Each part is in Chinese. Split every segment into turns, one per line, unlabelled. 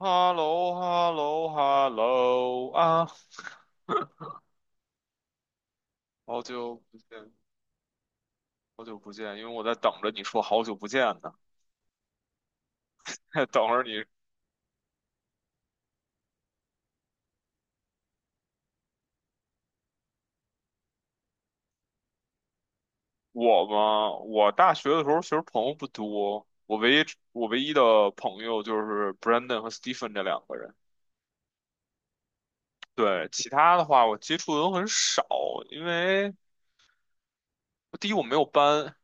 h e l l o h e l l o h e l l o 啊，好久不见，好久不见，因为我在等着你说好久不见呢，等着你。我嘛，我大学的时候其实朋友不多，我唯一的朋友就是 Brandon 和 Stephen 这两个人，对，其他的话我接触的都很少，因为第一我没有班，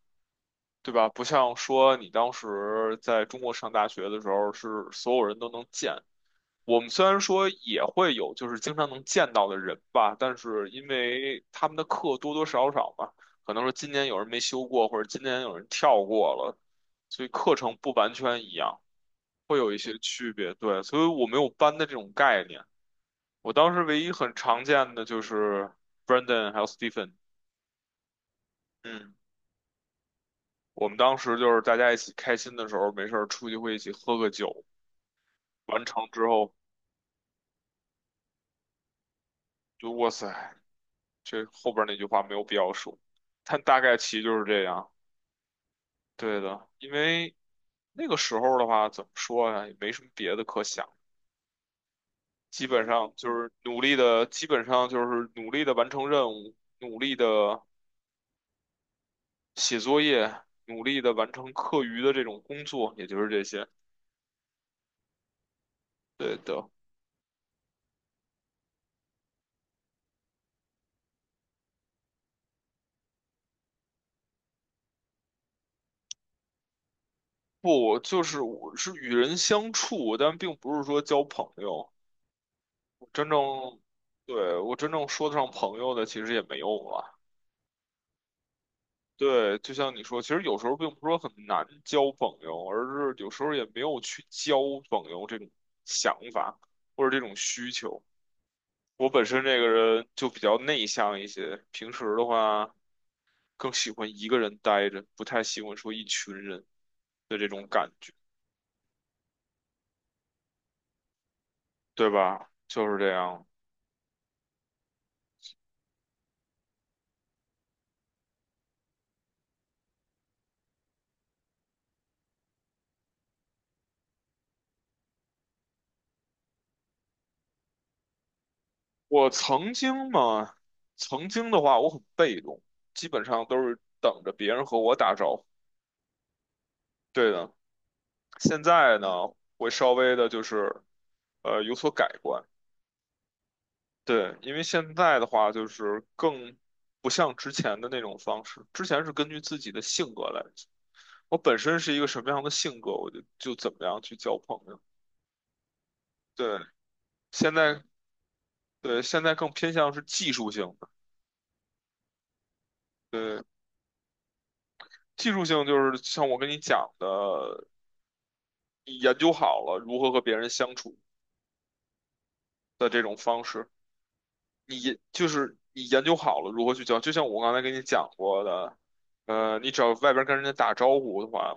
对吧？不像说你当时在中国上大学的时候是所有人都能见。我们虽然说也会有，就是经常能见到的人吧，但是因为他们的课多多少少嘛，可能说今年有人没修过，或者今年有人跳过了，所以课程不完全一样，会有一些区别。对，所以我没有班的这种概念。我当时唯一很常见的就是 b r e n d a n 还有 Stephen，嗯，我们当时就是大家一起开心的时候，没事儿出去会一起喝个酒，完成之后就哇塞。这后边那句话没有必要说，但大概其就是这样。对的，因为那个时候的话，怎么说呀，也没什么别的可想，基本上就是努力的完成任务，努力的写作业，努力的完成课余的这种工作，也就是这些。对的，不，就是我是与人相处，但并不是说交朋友。我真正，对，我真正说得上朋友的，其实也没有了。对，就像你说，其实有时候并不是说很难交朋友，而是有时候也没有去交朋友这种想法或者这种需求。我本身这个人就比较内向一些，平时的话更喜欢一个人待着，不太喜欢说一群人的这种感觉，对吧？就是这样。我曾经嘛，曾经的话我很被动，基本上都是等着别人和我打招呼。对的。现在呢，会稍微的就是有所改观。对，因为现在的话就是更不像之前的那种方式，之前是根据自己的性格来，我本身是一个什么样的性格，我就怎么样去交朋友。对，现在对，现在更偏向是技术性的，对，技术性就是像我跟你讲的，你研究好了如何和别人相处的这种方式。就是你研究好了如何去教，就像我刚才跟你讲过的，你只要外边跟人家打招呼的话，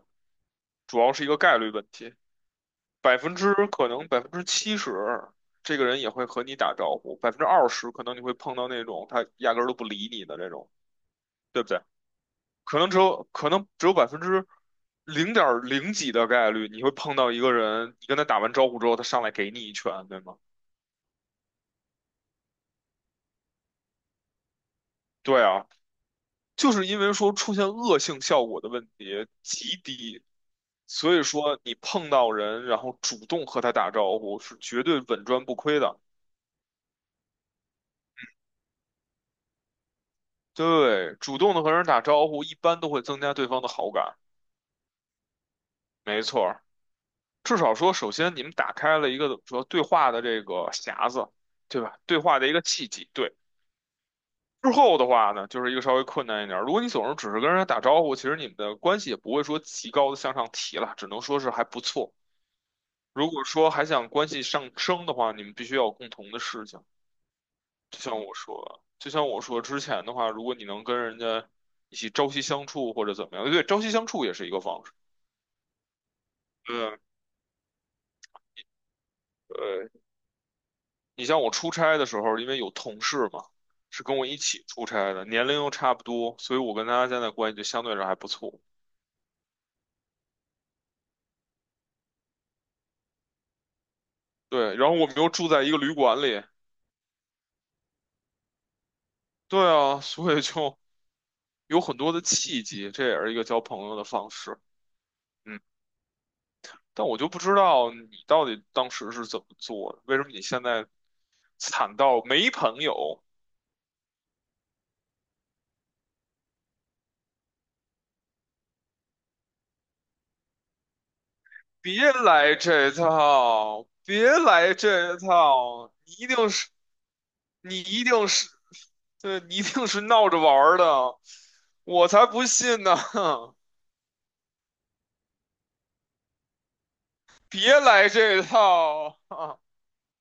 主要是一个概率问题，百分之可能百分之七十，这个人也会和你打招呼，百分之二十可能你会碰到那种他压根儿都不理你的这种，对不对？可能只有百分之零点零几的概率，你会碰到一个人，你跟他打完招呼之后，他上来给你一拳，对吗？对啊，就是因为说出现恶性效果的问题极低，所以说你碰到人，然后主动和他打招呼是绝对稳赚不亏的。对，主动的和人打招呼，一般都会增加对方的好感。没错儿，至少说，首先你们打开了一个怎么说对话的这个匣子，对吧？对话的一个契机。对，之后的话呢，就是一个稍微困难一点儿。如果你总是只是跟人家打招呼，其实你们的关系也不会说极高的向上提了，只能说是还不错。如果说还想关系上升的话，你们必须要有共同的事情。就像我说之前的话，如果你能跟人家一起朝夕相处或者怎么样，对，朝夕相处也是一个方式。对啊，呃，你像我出差的时候，因为有同事嘛，是跟我一起出差的，年龄又差不多，所以我跟他现在关系就相对上还不错。对，然后我们又住在一个旅馆里，对啊，所以就有很多的契机，这也是一个交朋友的方式。嗯。但我就不知道你到底当时是怎么做的，为什么你现在惨到没朋友？别来这套，别来这套，你一定是，你一定是，对，你一定是闹着玩儿的，我才不信呢！别来这套啊，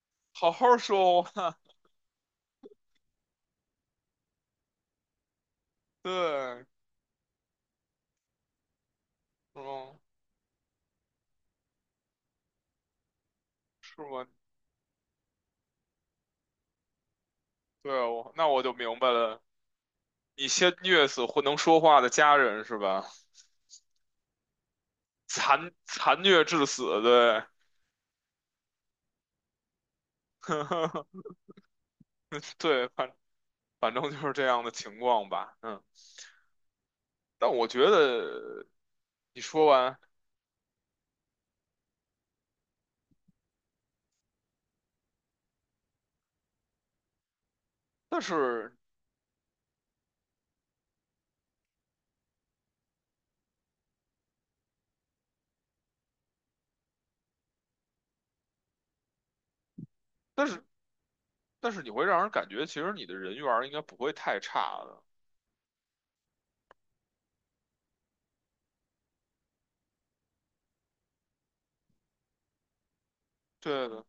好好说话。对，嗯，是吗？对，那我就明白了，你先虐死会能说话的家人是吧？残虐致死，对，对，反正就是这样的情况吧，嗯。但我觉得你说完，但是但是但是你会让人感觉，其实你的人缘儿应该不会太差的，对的。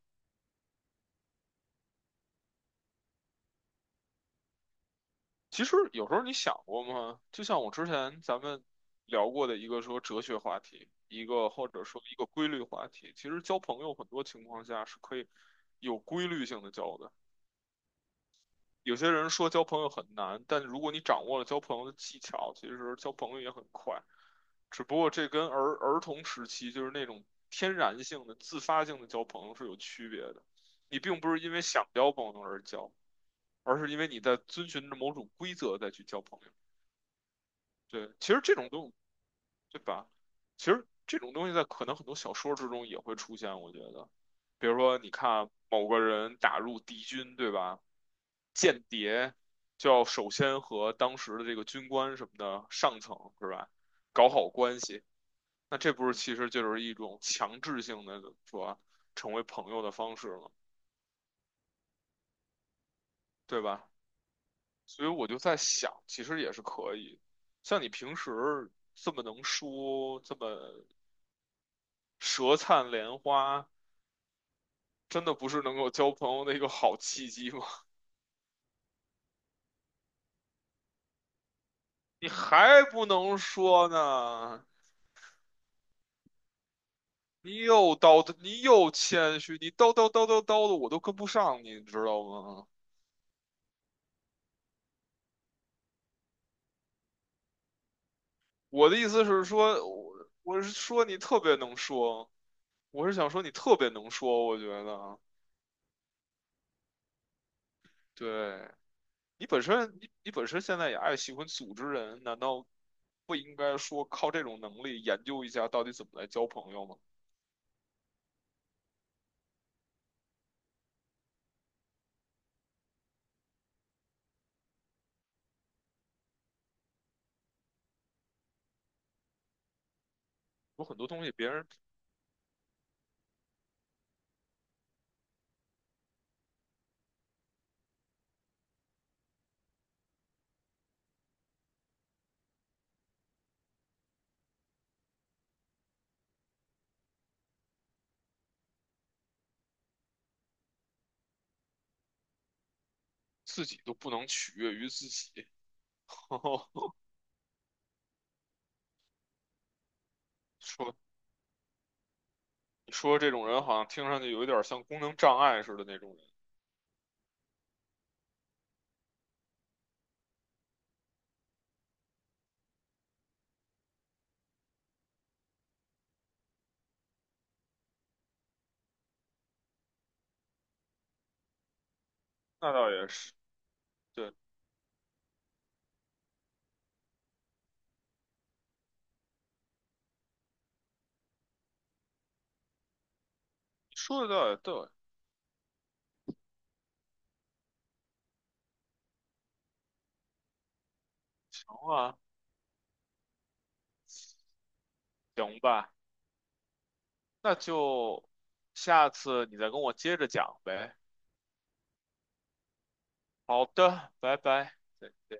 其实有时候你想过吗？就像我之前咱们聊过的一个说哲学话题，一个或者说一个规律话题，其实交朋友很多情况下是可以有规律性的交的。有些人说交朋友很难，但如果你掌握了交朋友的技巧，其实交朋友也很快。只不过这跟儿童时期就是那种天然性的、自发性的交朋友是有区别的。你并不是因为想交朋友而交，而是因为你在遵循着某种规则再去交朋友。对，其实这种都。对吧？其实这种东西在可能很多小说之中也会出现，我觉得，比如说你看某个人打入敌军，对吧？间谍就要首先和当时的这个军官什么的上层是吧，搞好关系。那这不是其实就是一种强制性的怎么说啊，成为朋友的方式吗？对吧？所以我就在想，其实也是可以。像你平时这么能说，这么舌灿莲花。真的不是能够交朋友的一个好契机吗？你还不能说呢，你又叨叨，你又谦虚，你叨叨叨叨叨的，我都跟不上你，你知道吗？我的意思是说，我是说你特别能说，我是想说你特别能说，我觉得，对，你本身现在也爱喜欢组织人，难道不应该说靠这种能力研究一下到底怎么来交朋友吗？有很多东西别人自己都不能取悦于自己。哦，说你说这种人好像听上去有一点像功能障碍似的那种人，那倒也是，对，你说的倒也对。然后啊，行吧，那就下次你再跟我接着讲呗。好的，拜拜。再见。